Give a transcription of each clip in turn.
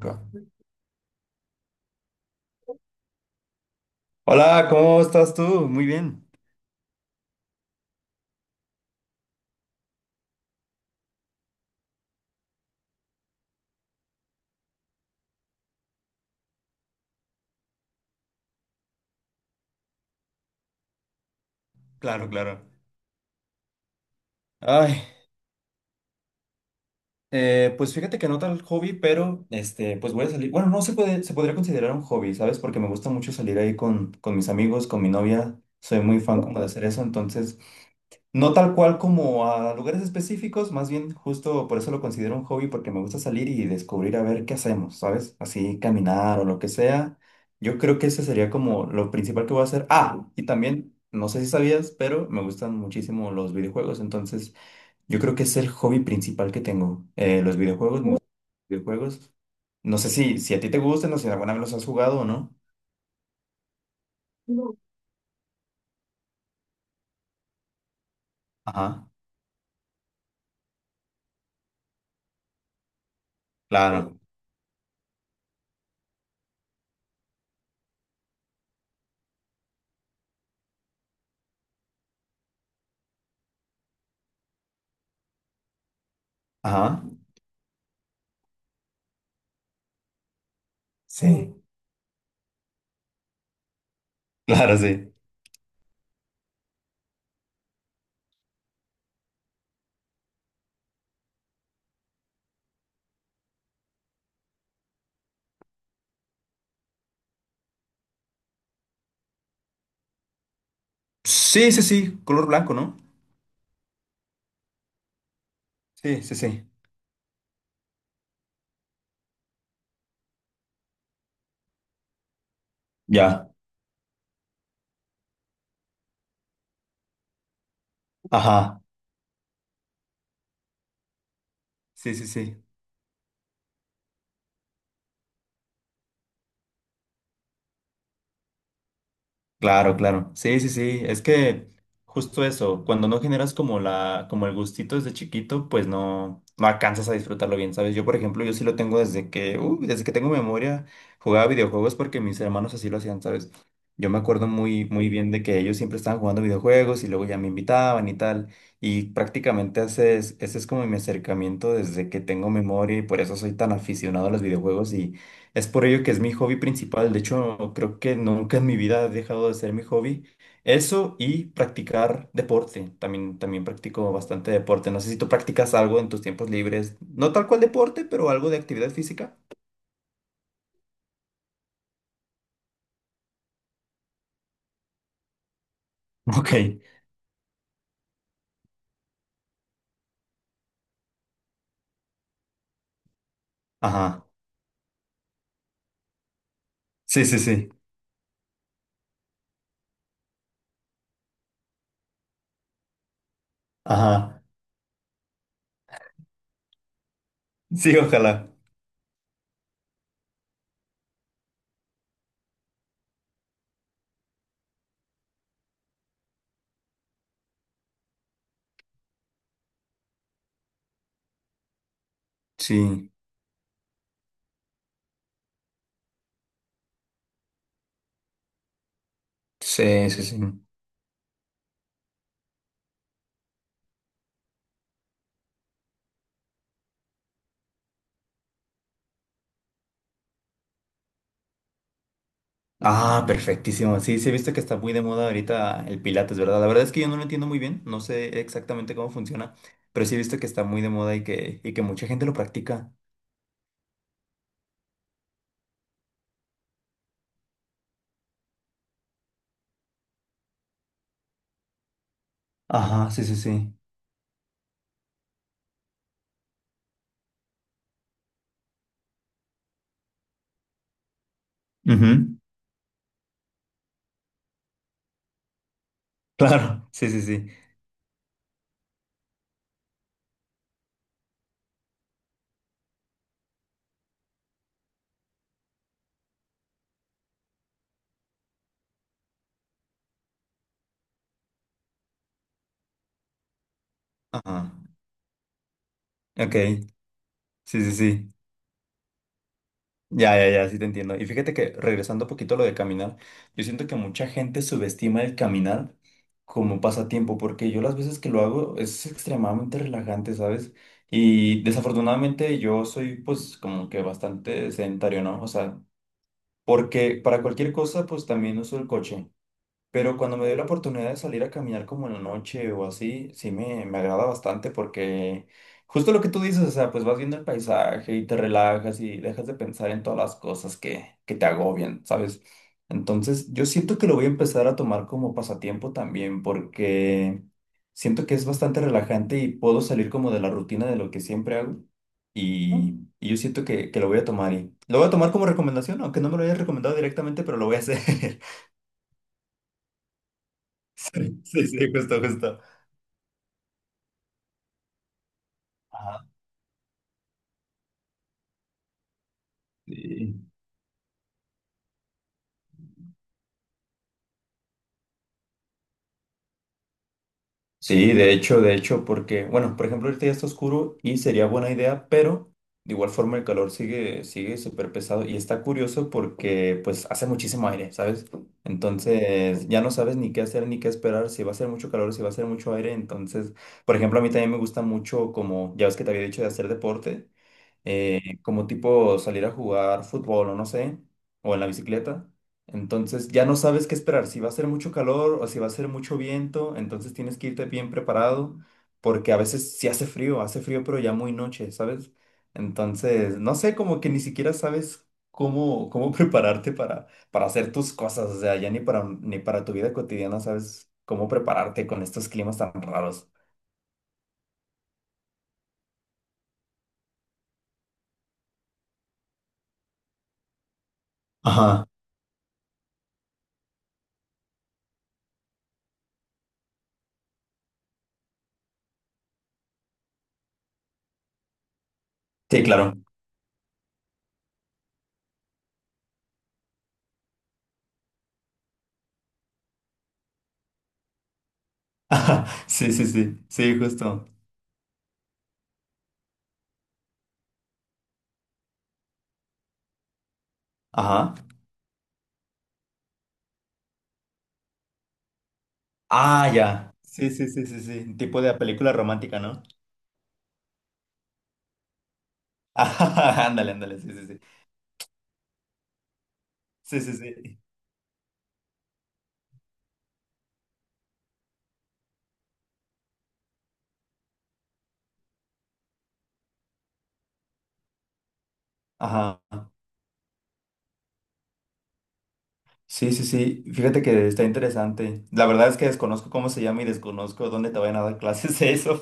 Co- Hola, ¿cómo estás tú? Muy bien. Claro, claro. Ay, pues fíjate que no tal hobby, pero pues voy a salir. Bueno, no se puede, se podría considerar un hobby, ¿sabes? Porque me gusta mucho salir ahí con mis amigos, con mi novia. Soy muy fan como de hacer eso, entonces no tal cual como a lugares específicos, más bien justo por eso lo considero un hobby, porque me gusta salir y descubrir a ver qué hacemos, ¿sabes? Así caminar o lo que sea. Yo creo que ese sería como lo principal que voy a hacer. Ah, y también, no sé si sabías, pero me gustan muchísimo los videojuegos, entonces yo creo que es el hobby principal que tengo. Los videojuegos, me gustan los videojuegos. No sé si a ti te gustan o si alguna vez los has jugado o no. Ajá, claro. Ajá. Sí, claro, sí. Sí, sí, sí, color blanco, ¿no? Sí, sí, sí. Ya, ajá, sí, sí, sí. Claro, claro. Sí, sí, sí, es que justo eso, cuando no generas como como el gustito desde chiquito, pues no, no alcanzas a disfrutarlo bien, ¿sabes? Yo, por ejemplo, yo sí lo tengo desde que desde que tengo memoria, jugaba videojuegos porque mis hermanos así lo hacían, ¿sabes? Yo me acuerdo muy, muy bien de que ellos siempre estaban jugando videojuegos y luego ya me invitaban y tal. Y prácticamente ese es como mi acercamiento desde que tengo memoria y por eso soy tan aficionado a los videojuegos. Y. Es por ello que es mi hobby principal. De hecho, creo que nunca en mi vida he dejado de ser mi hobby. Eso y practicar deporte. También, también practico bastante deporte. No sé si tú practicas algo en tus tiempos libres. No tal cual deporte, pero algo de actividad física. Ok. Ajá. Sí, sí, sí. Ajá. Sí, ojalá. Sí, sí, sí, sí. Ah, perfectísimo. Sí, sí, he visto que está muy de moda ahorita el Pilates, ¿verdad? La verdad es que yo no lo entiendo muy bien, no sé exactamente cómo funciona, pero sí he visto que está muy de moda y que mucha gente lo practica. Ajá, sí, sí, sí. Ujú. Claro, sí, sí, sí. Ajá, ok, sí, sí, sí. Ya, ya, ya, sí te entiendo. Y fíjate que regresando un poquito a lo de caminar, yo siento que mucha gente subestima el caminar como pasatiempo, porque yo las veces que lo hago es extremadamente relajante, ¿sabes? Y desafortunadamente yo soy pues como que bastante sedentario, ¿no? O sea, porque para cualquier cosa pues también uso el coche. Pero cuando me dio la oportunidad de salir a caminar como en la noche o así, sí me agrada bastante porque justo lo que tú dices, o sea, pues vas viendo el paisaje y te relajas y dejas de pensar en todas las cosas que te agobian, ¿sabes? Entonces, yo siento que lo voy a empezar a tomar como pasatiempo también porque siento que es bastante relajante y puedo salir como de la rutina de lo que siempre hago, ¿no? Y yo siento que lo voy a tomar y lo voy a tomar como recomendación, aunque no me lo hayas recomendado directamente, pero lo voy a hacer. Sí, sí, justo, justo. Sí. Sí, de hecho, porque, bueno, por ejemplo, ahorita ya está oscuro y sería buena idea, pero de igual forma el calor sigue, sigue súper pesado y está curioso porque pues hace muchísimo aire, ¿sabes? Entonces ya no sabes ni qué hacer ni qué esperar, si va a ser mucho calor, si va a ser mucho aire, entonces, por ejemplo, a mí también me gusta mucho como, ya ves que te había dicho de hacer deporte, como tipo salir a jugar fútbol o no sé, o en la bicicleta. Entonces ya no sabes qué esperar, si va a ser mucho calor o si va a ser mucho viento, entonces tienes que irte bien preparado, porque a veces sí hace frío pero ya muy noche, ¿sabes? Entonces, no sé, como que ni siquiera sabes cómo prepararte para hacer tus cosas, o sea, ya ni ni para tu vida cotidiana sabes cómo prepararte con estos climas tan raros. Ajá, sí, claro. Ajá, sí, sí, sí, sí, justo. Ajá. Ah, ya. Sí, sí, sí, sí, sí. Tipo de película romántica, ¿no? Ajá, ándale, ándale, sí, sí, sí. Sí, sí, sí. Ajá. Sí, sí, sí. Fíjate que está interesante. La verdad es que desconozco cómo se llama y desconozco dónde te vayan a dar clases de eso,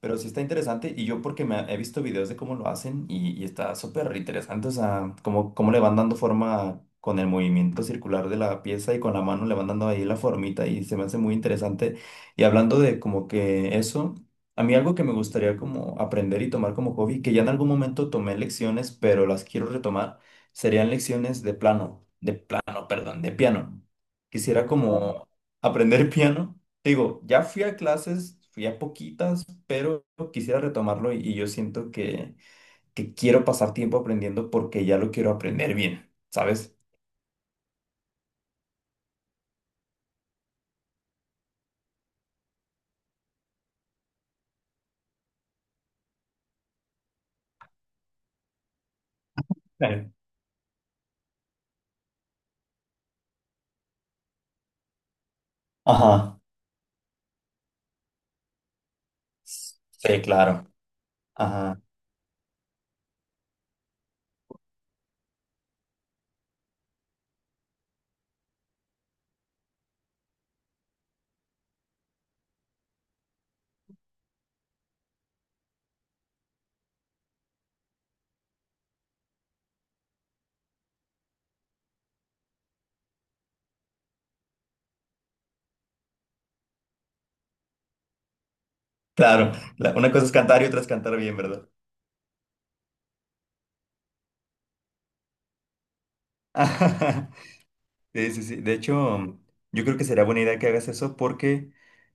pero sí está interesante y yo porque me he visto videos de cómo lo hacen y está súper interesante, o sea, cómo le van dando forma con el movimiento circular de la pieza y con la mano le van dando ahí la formita y se me hace muy interesante. Y hablando de como que eso, a mí algo que me gustaría como aprender y tomar como hobby, que ya en algún momento tomé lecciones, pero las quiero retomar, serían lecciones de piano. Quisiera como aprender piano, te digo, ya fui a clases, fui a poquitas, pero quisiera retomarlo y yo siento que quiero pasar tiempo aprendiendo porque ya lo quiero aprender bien, ¿sabes? Claro. Ajá. Sí, claro. Ajá. Claro. La- una cosa es cantar y otra es cantar bien, ¿verdad? Sí, sí, sí. De hecho, yo creo que sería buena idea que hagas eso porque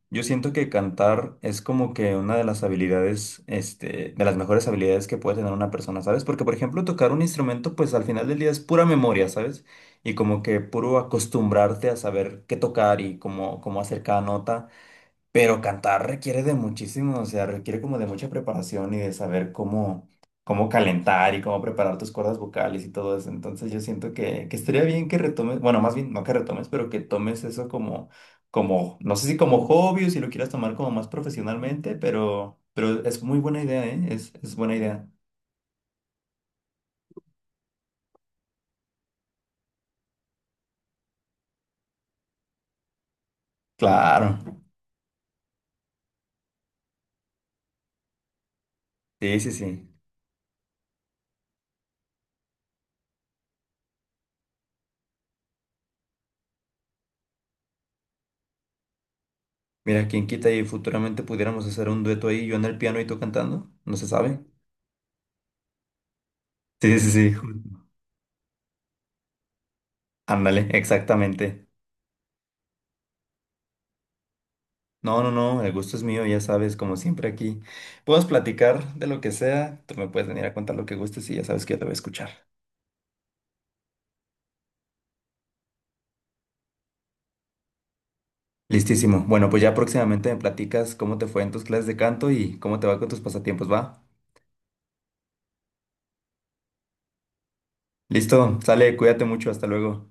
yo siento que cantar es como que una de las habilidades, de las mejores habilidades que puede tener una persona, ¿sabes? Porque, por ejemplo, tocar un instrumento, pues al final del día es pura memoria, ¿sabes? Y como que puro acostumbrarte a saber qué tocar y cómo hacer cada nota. Pero cantar requiere de muchísimo, o sea, requiere como de mucha preparación y de saber cómo, cómo calentar y cómo preparar tus cuerdas vocales y todo eso. Entonces yo siento que estaría bien que retomes, bueno, más bien no que retomes, pero que tomes eso como, no sé si como hobby o si lo quieras tomar como más profesionalmente, pero es muy buena idea, ¿eh? Es buena idea. Claro. Sí, sí, sí. Mira, quién quita y futuramente pudiéramos hacer un dueto ahí, yo en el piano y tú cantando, no se sabe. Sí, sí, sí. Ándale, exactamente. No, no, no, el gusto es mío, ya sabes, como siempre aquí. Puedes platicar de lo que sea, tú me puedes venir a contar lo que gustes y ya sabes que yo te voy a escuchar. Listísimo. Bueno, pues ya próximamente me platicas cómo te fue en tus clases de canto y cómo te va con tus pasatiempos, ¿va? Listo, sale, cuídate mucho, hasta luego.